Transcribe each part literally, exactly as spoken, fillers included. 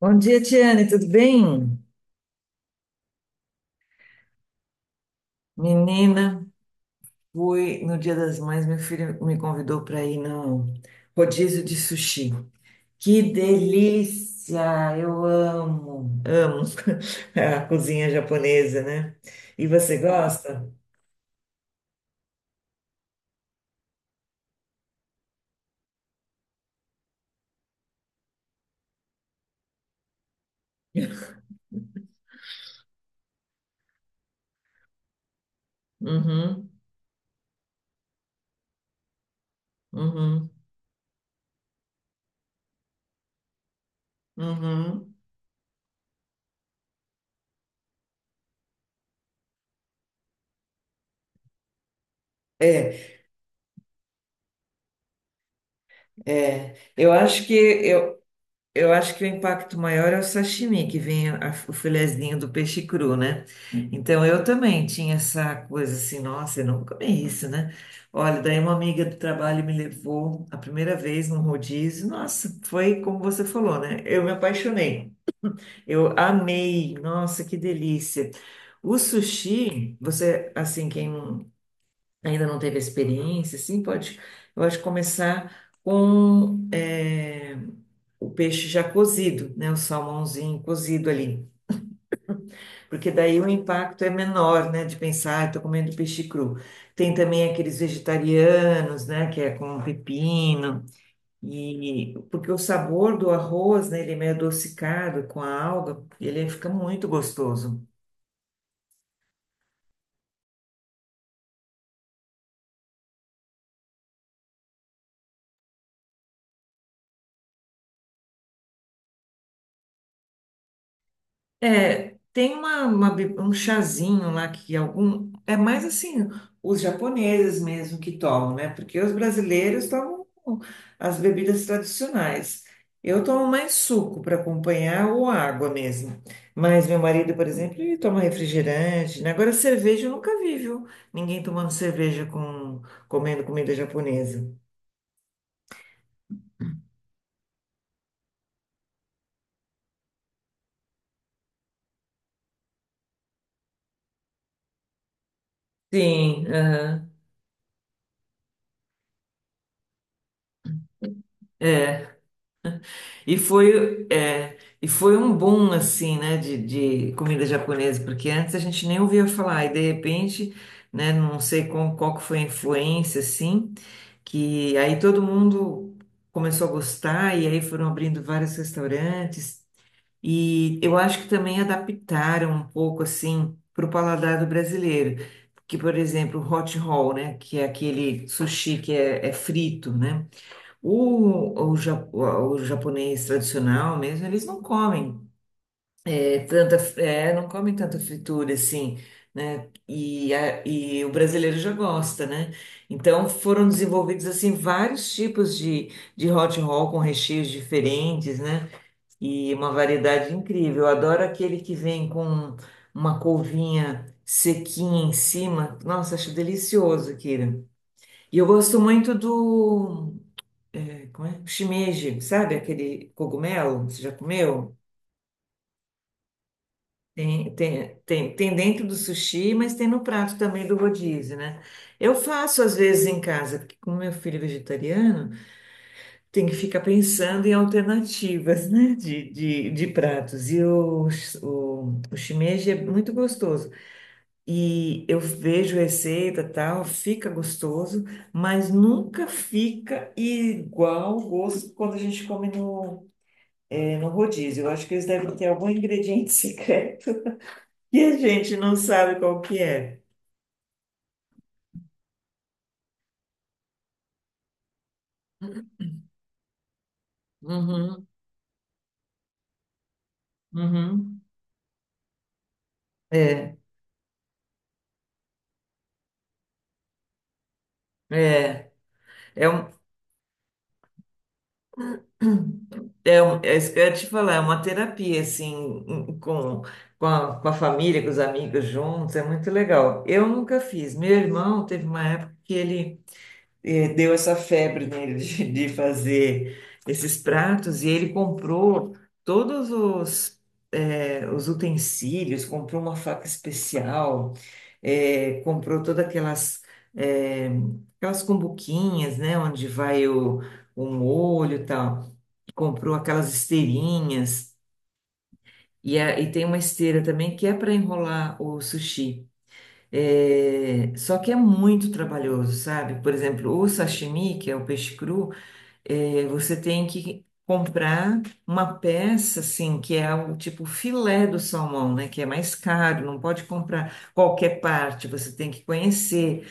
Bom dia, Tiane, tudo bem? Menina, fui no Dia das Mães, meu filho me convidou para ir no rodízio de sushi. Que delícia! Eu amo, amo a cozinha japonesa, né? E você gosta? Uhum, uhum, uhum. É, é. Eu acho que eu, Eu acho que o impacto maior é o sashimi, que vem a- o filezinho do peixe cru, né? Então eu também tinha essa coisa assim, nossa, eu não comi isso, né? Olha, daí uma amiga do trabalho me levou a primeira vez num rodízio, nossa, foi como você falou, né? Eu me apaixonei, eu amei, nossa, que delícia. O sushi, você, assim, quem ainda não teve experiência, assim, pode, eu acho, começar com é, o peixe já cozido, né, o salmãozinho cozido ali, porque daí o impacto é menor, né, de pensar, estou comendo peixe cru. Tem também aqueles vegetarianos, né, que é com pepino, e porque o sabor do arroz, né, ele é meio adocicado com a alga, ele fica muito gostoso. É, tem uma, uma bi- um chazinho lá que algum. É mais assim, os japoneses mesmo que tomam, né? Porque os brasileiros tomam as bebidas tradicionais. Eu tomo mais suco para acompanhar ou água mesmo. Mas meu marido, por exemplo, ele toma refrigerante, né? Agora, cerveja eu nunca vi, viu? Ninguém tomando cerveja com, comendo comida japonesa. Sim, aham. E foi, é, e foi um boom, assim, né, de, de comida japonesa, porque antes a gente nem ouvia falar, e de repente, né, não sei qual, qual que foi a influência, assim, que aí todo mundo começou a gostar, e aí foram abrindo vários restaurantes, e eu acho que também adaptaram um pouco, assim, para o paladar do brasileiro, que, por exemplo, o hot roll, né, que é aquele sushi que é é frito, né, o, o, ja- o- o japonês tradicional mesmo, eles não comem é, tanta, é, não comem tanta fritura assim, né? E, a- e o brasileiro já gosta, né? Então foram desenvolvidos assim vários tipos de, de hot roll com recheios diferentes, né? E uma variedade incrível. Eu adoro aquele que vem com uma couvinha sequinha em cima. Nossa, acho delicioso, Kira. E eu gosto muito do é, como é? Shimeji, sabe aquele cogumelo? Você já comeu? Tem, tem, tem, tem dentro do sushi, mas tem no prato também do rodízio, né? Eu faço às vezes em casa, porque como meu filho é vegetariano, tem que ficar pensando em alternativas, né? De, de, de pratos. E o, o, o shimeji é muito gostoso. E eu vejo receita tal, fica gostoso, mas nunca fica igual o gosto quando a gente come no no rodízio. Eu acho que eles devem ter algum ingrediente secreto que a gente não sabe qual que é. Uhum, uhum. É, é, é, um, é, um, é isso que eu ia te falar, é uma terapia, assim, com, com a, com a família, com os amigos juntos, é muito legal. Eu nunca fiz. Meu irmão teve uma época que ele eh, deu essa febre nele de, de fazer esses pratos e ele comprou todos os, eh, os utensílios, comprou uma faca especial, eh, comprou todas aquelas, eh, aquelas cumbuquinhas, né, onde vai o, o molho e tal, comprou aquelas esteirinhas. E, a- e tem uma esteira também que é para enrolar o sushi. É, só que é muito trabalhoso, sabe? Por exemplo, o sashimi, que é o peixe cru, é, você tem que comprar uma peça, assim, que é o tipo filé do salmão, né? Que é mais caro, não pode comprar qualquer parte, você tem que conhecer.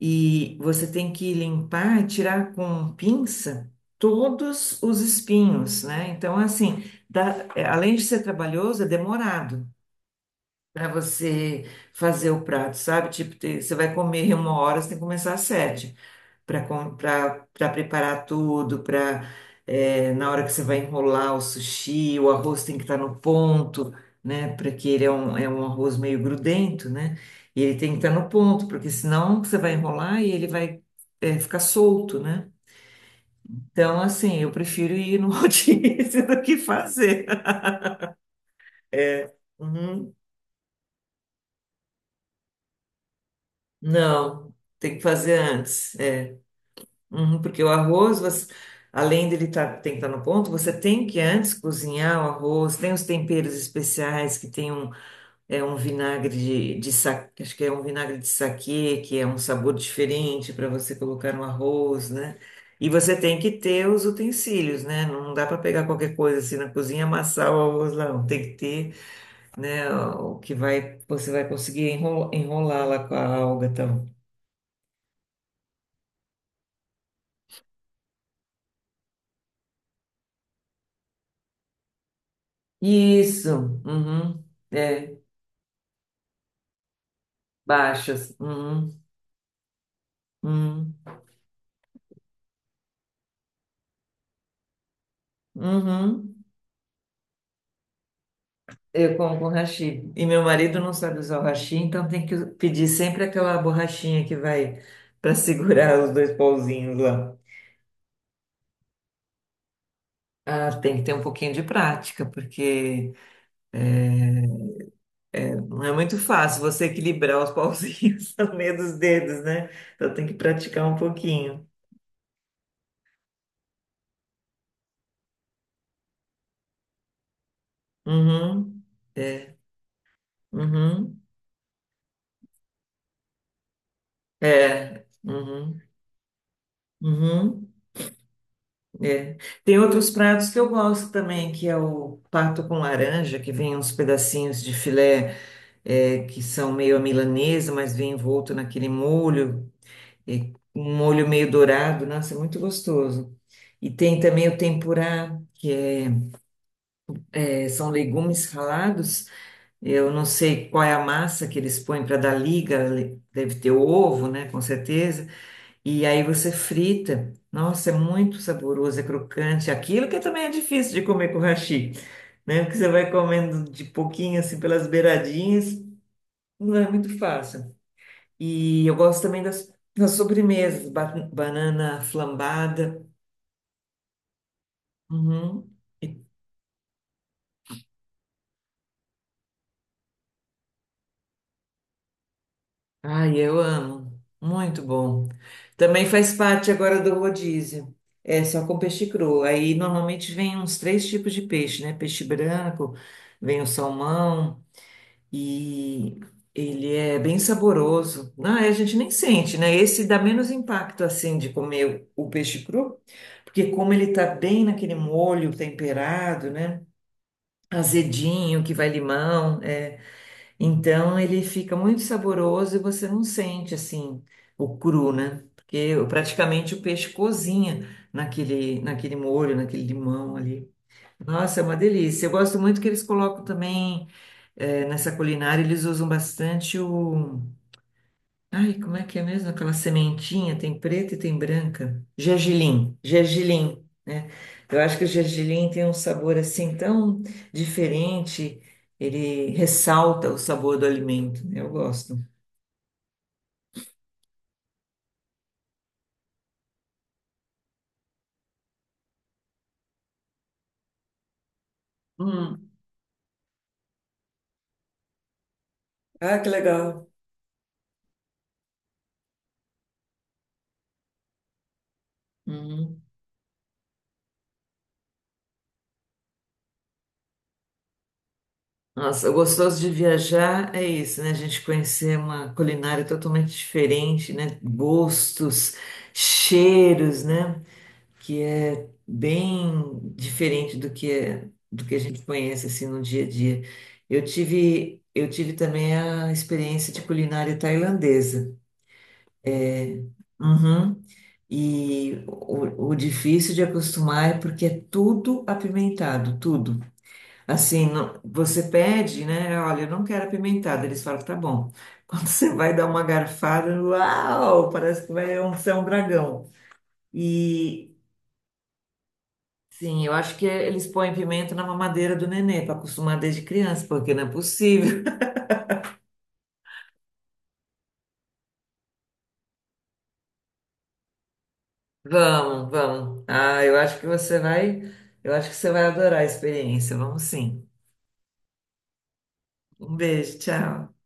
E você tem que limpar, tirar com pinça todos os espinhos, né? Então, assim, dá- é, além de ser trabalhoso, é demorado. Para você fazer o prato, sabe? Tipo, te- você vai comer uma hora, você tem que começar às sete para preparar tudo, para na hora que você vai enrolar o sushi, o arroz tem que estar no ponto, né? Porque ele é um, é um arroz meio grudento, né? E ele tem que estar no ponto, porque senão você vai enrolar e ele vai é, ficar solto, né? Então, assim, eu prefiro ir no rodízio do que fazer. É. Uhum. Não, tem que fazer antes. É Uhum, porque o arroz, você- além dele tá, tem que estar no ponto, você tem que antes cozinhar o arroz, tem os temperos especiais que tem um, é um vinagre de, de sa- acho que é um vinagre de saquê, que é um sabor diferente para você colocar no arroz, né? E você tem que ter os utensílios, né? Não dá para pegar qualquer coisa assim na cozinha e amassar o arroz lá, não. Tem que ter, né, o que vai, você vai conseguir enrolar, enrolar lá com a alga, então. Isso. Uhum. É. baixas. Uhum, uhum, uhum. Eu como com hashi. E meu marido não sabe usar o hashi, então tem que pedir sempre aquela borrachinha que vai para segurar os dois pauzinhos lá. Ah, tem que ter um pouquinho de prática, porque é, não é muito fácil você equilibrar os pauzinhos no meio dos dedos, né? Então tem que praticar um pouquinho. Uhum, é, uhum. É, uhum, uhum. É. Tem outros pratos que eu gosto também, que é o pato com laranja, que vem uns pedacinhos de filé, é, que são meio à milanesa, mas vem envolto naquele molho, e um molho meio dourado, nossa, é muito gostoso. E tem também o tempurá, que é, é, são legumes ralados, eu não sei qual é a massa que eles põem para dar liga, deve ter ovo, né, com certeza, e aí você frita. Nossa, é muito saboroso, é crocante. Aquilo que também é difícil de comer com hashi, né? Porque você vai comendo de pouquinho, assim, pelas beiradinhas. Não é muito fácil. E eu gosto também das, das sobremesas. ba- banana flambada. Uhum. E- Ai, eu amo. Muito bom. Também faz parte agora do rodízio. É só com peixe cru. Aí normalmente vem uns três tipos de peixe, né? Peixe branco, vem o salmão. E ele é bem saboroso. Ah, a gente nem sente, né? Esse dá menos impacto assim de comer o peixe cru, porque como ele tá bem naquele molho temperado, né? Azedinho, que vai limão, é, então ele fica muito saboroso e você não sente assim o cru, né? Porque praticamente o peixe cozinha naquele, naquele molho, naquele limão ali. Nossa, é uma delícia. Eu gosto muito que eles colocam também é, nessa culinária eles usam bastante o. Ai, como é que é mesmo? Aquela sementinha, tem preta e tem branca. Gergelim, gergelim, né? Eu acho que o gergelim tem um sabor assim tão diferente, ele ressalta o sabor do alimento, né? Eu gosto. Hum. Ah, que legal. Uhum. Nossa, o gostoso de viajar é isso, né? A gente conhecer uma culinária totalmente diferente, né? Gostos, cheiros, né? que é bem diferente do que é- do que a gente conhece assim no dia a dia. Eu tive eu tive também a experiência de culinária tailandesa. Uhum. E o, o difícil de acostumar é porque é tudo apimentado, tudo. Assim, não- você pede, né? Olha, eu não quero apimentado. Eles falam, tá bom. Quando você vai dar uma garfada, uau, parece que vai ser um dragão. E, Sim, eu acho que eles põem pimenta na mamadeira do nenê para acostumar desde criança, porque não é possível. Vamos, vamos. Ah, eu acho que você vai, eu acho que você vai adorar a experiência. Vamos sim. Um beijo, tchau.